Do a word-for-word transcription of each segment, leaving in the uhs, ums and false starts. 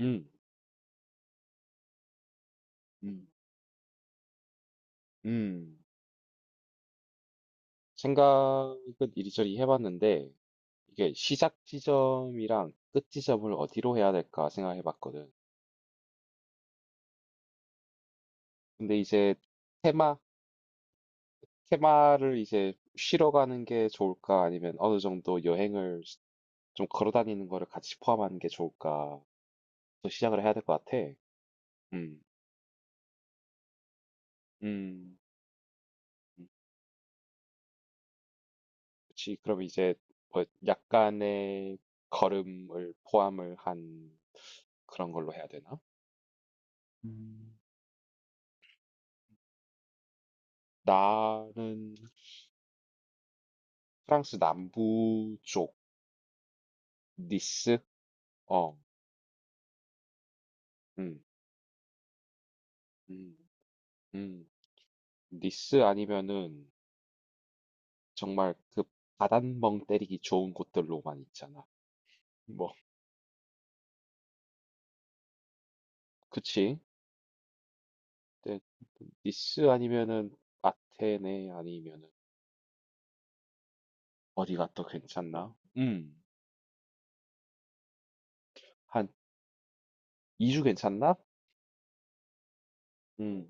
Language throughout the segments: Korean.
음. 음. 음. 생각은 이리저리 해 봤는데 이게 '시작 지점이랑 끝 지점을 어디로 해야 될까?' 생각해 봤거든. 근데 이제 테마 테마를 이제 쉬러 가는 게 좋을까 아니면 어느 정도 여행을 좀 걸어 다니는 거를 같이 포함하는 게 좋을까 또 시작을 해야 될 것 같아. 음. 음. 음. 그치. 그럼 이제 뭐 약간의 걸음을 포함을 한 그런 걸로 해야 되나? 음. 나는 프랑스 남부 쪽 니스? 어, 음, 음. 음. 니스 아니면은 정말 그 바닷멍 때리기 좋은 곳들로만 있잖아. 뭐, 그치? 근데 니스 아니면은 아테네 아니면은 어디가 더 괜찮나? 음, 한 이 주 괜찮나? 음,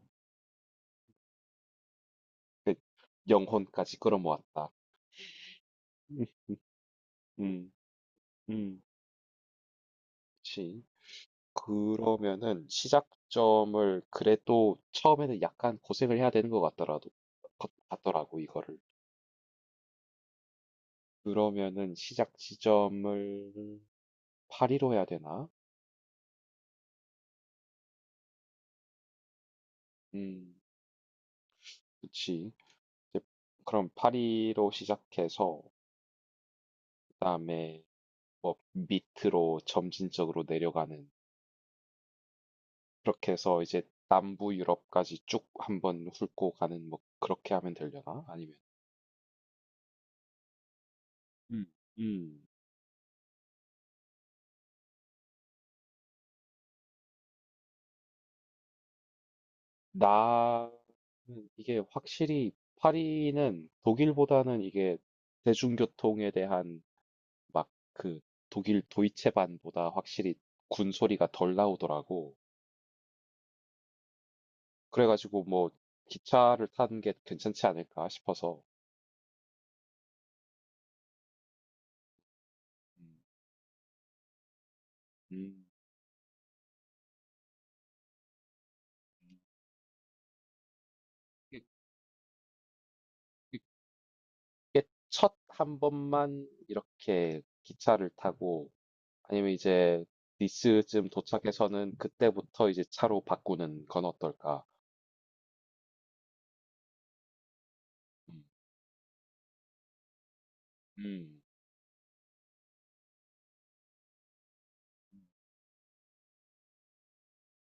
그 영혼까지 끌어모았다. 음, 음, 음, 그치. 그러면은 시작점을 그래도 처음에는 약간 고생을 해야 되는 것 같더라도 같- 같더라고 이거를. 그러면은 시작 지점을 파리로 해야 되나? 음, 그치. 이제 그럼 파리로 시작해서 그다음에 뭐 밑으로 점진적으로 내려가는 그렇게 해서 이제 남부 유럽까지 쭉 한번 훑고 가는 뭐 그렇게 하면 되려나? 아니면 음, 음. 나는 이게 확실히 파리는 독일보다는 이게 대중교통에 대한 막 그 독일 도이체반보다 확실히 군 소리가 덜 나오더라고. 그래가지고 뭐 기차를 타는 게 괜찮지 않을까 싶어서. 음, 음. 이게 이게 첫 한 번만 이렇게 기차를 타고 아니면 이제 니스쯤 도착해서는 그때부터 이제 차로 바꾸는 건 어떨까? 음. 음.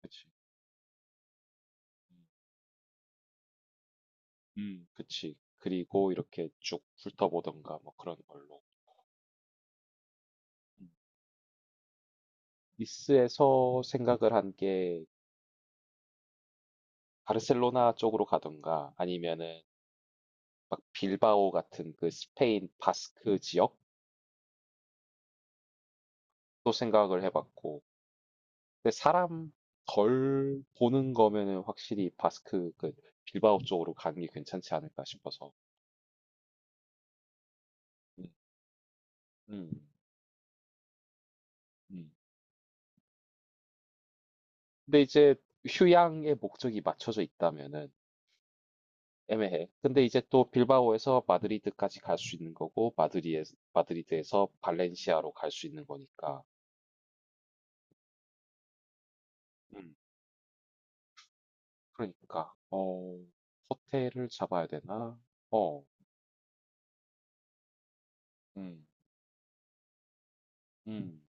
그치. 음. 음. 그치. 그리고 이렇게 쭉 훑어보던가 뭐 그런 걸로. 음. 니스에서 생각을 한게 바르셀로나 쪽으로 가던가 아니면은 막 빌바오 같은 그 스페인 바스크 지역도 생각을 해봤고. 근데 사람 덜 보는 거면은 확실히 바스크 그 빌바오 쪽으로 가는 게 괜찮지 않을까 싶어서. 음. 음. 음. 근데 이제 휴양의 목적이 맞춰져 있다면은 애매해. 근데 이제 또 빌바오에서 마드리드까지 갈 수 있는 거고 마드리에 마드리드에서 발렌시아로 갈 수 있는 거니까. 음. 그러니까 어 호텔을 잡아야 되나? 어. 음. 음.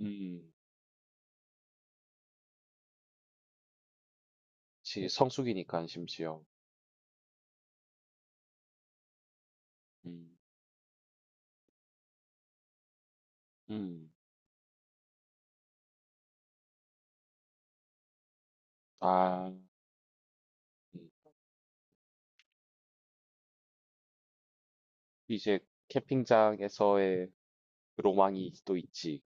음. 지 성수기니까 심지어. 음. 음. 아. 음. 이제 캠핑장에서의 로망이 또 있지.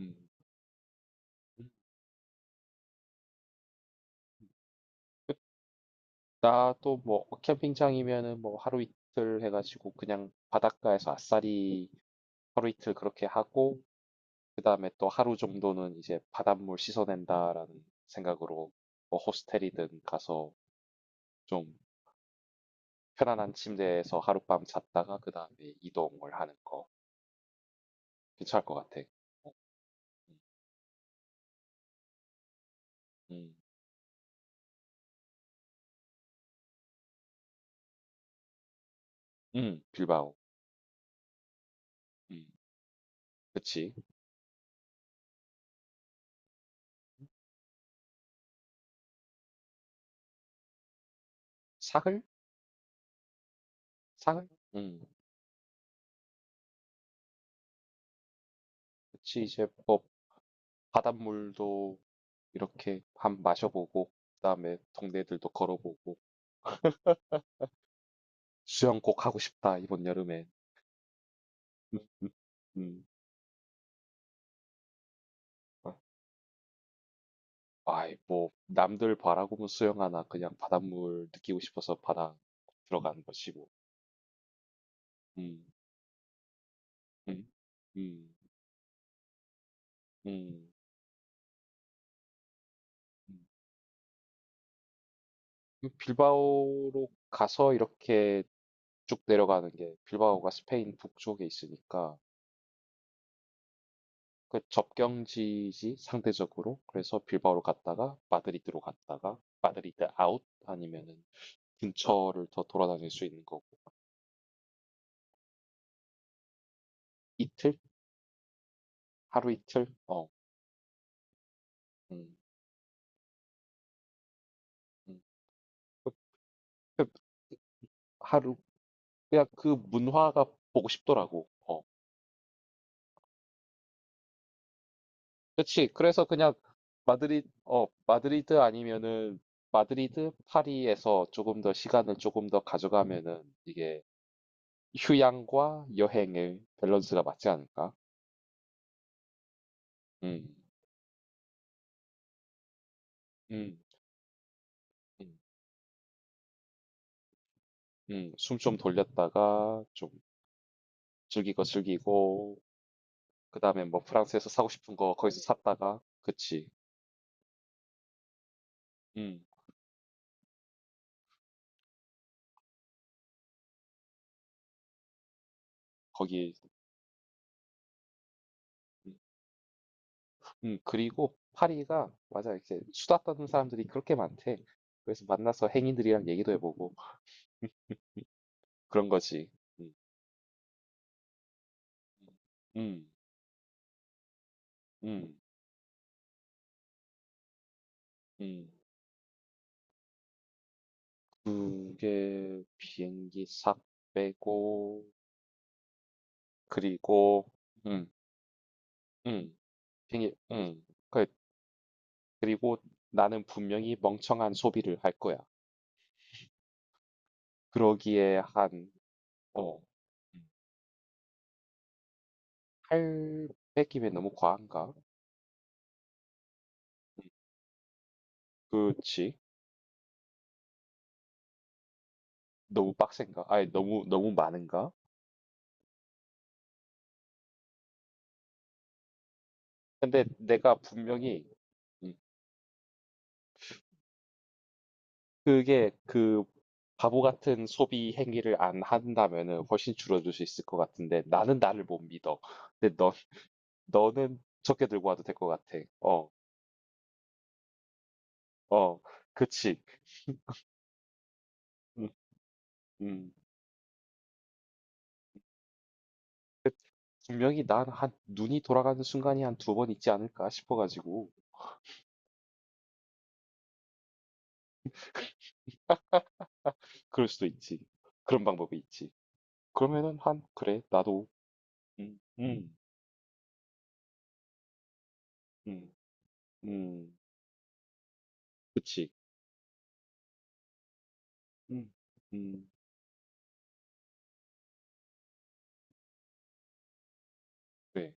음. 음. 나도 뭐 캠핑장이면은 뭐 하루 이틀 해가지고 그냥 바닷가에서 아싸리 하루 이틀 그렇게 하고 그다음에 또 하루 정도는 이제 바닷물 씻어낸다라는 생각으로 뭐 호스텔이든 가서 좀 편안한 침대에서 하룻밤 잤다가 그다음에 이동을 하는 거 괜찮을 것 같아. 어, 음, 음, 음, 빌바오. 음, 그치. 사흘? 사흘? 음, 그치. 이제 뭐 바닷물도 이렇게 밥 마셔보고 그다음에 동네들도 걸어보고 수영 꼭 하고 싶다 이번 여름에. 음. 아, 아이 뭐 남들 바라고면 수영하나 그냥 바닷물 느끼고 싶어서 바다 들어간 것이 고. 음. 음. 음. 음. 음. 그 빌바오로 가서 이렇게 쭉 내려가는 게 빌바오가 스페인 북쪽에 있으니까 그 접경지지 상대적으로 그래서 빌바오로 갔다가 마드리드로 갔다가 마드리드 아웃 아니면은 근처를 더 돌아다닐 수 있는 거고 이틀 하루 이틀 어 음, 음. 그- 그 하루 그냥 그 문화가 보고 싶더라고 어 그렇지 그래서 그냥 마드리 어 마드리드 아니면은 마드리드 파리에서 조금 더 시간을 조금 더 가져가면은 이게 휴양과 여행의 밸런스가 맞지 않을까. 음. 음. 음. 음, 숨 좀 돌렸다가 좀 즐길 거 즐기고 그다음에 뭐 프랑스에서 사고 싶은 거 거기서 샀다가 그치. 음, 거기 음, 음, 그리고 파리가 맞아 이렇게 수다 떠는 사람들이 그렇게 많대. 그래서 만나서 행인들이랑 얘기도 해보고 그런 거지. 음, 음, 음, 음. 그게 비행기 싹 빼고 그리고 음, 음, 비행기 음. 그- 그리고 나는 분명히 멍청한 소비를 할 거야. 그러기에 한, 어, 팔백이면 너무 과한가? 그렇지. 너무 빡센가? 아니, 너무, 너무 많은가? 근데 내가 분명히 음, 그게 그 바보 같은 소비 행위를 안 한다면은 훨씬 줄어들 수 있을 것 같은데 나는 나를 못 믿어. 근데 너, 너는 적게 들고 와도 될 것 같아. 어, 어, 그치. 음, 음. 그- 분명히 난 한 눈이 돌아가는 순간이 한 두 번 있지 않을까 싶어가지고. 그럴 수도 있지. 그런 방법이 있지. 그러면은 한 그래 나도 음, 음, 음, 음, 그치. 음, 음, 네.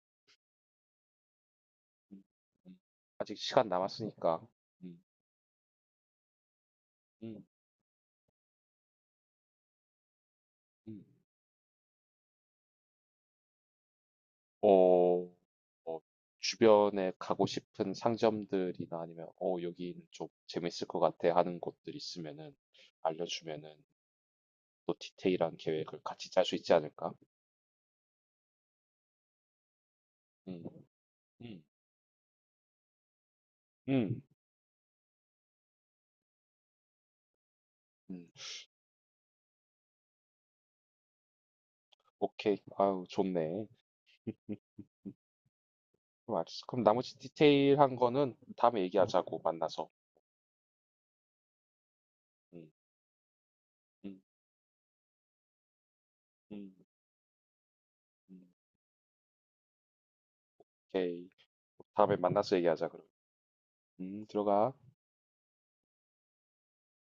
음, 음. 아직 시간 남았으니까. 음, 음, 음. 어, 어, 주변에 가고 싶은 상점들이나 아니면 어 여기는 좀 재밌을 것 같아 하는 곳들 있으면은 알려주면은 또 디테일한 계획을 같이 짤 수 있지 않을까? 음, 음, 음, 음. 오케이. 아유, 좋네. 음. 그럼 알았어. 그럼 나머지 디테일한 거는 다음에 음. 얘기하자고 만나서. 음, 음, 음, 음. 오케이. 다음에 만나서 얘기하자 그럼. 음, 들어가.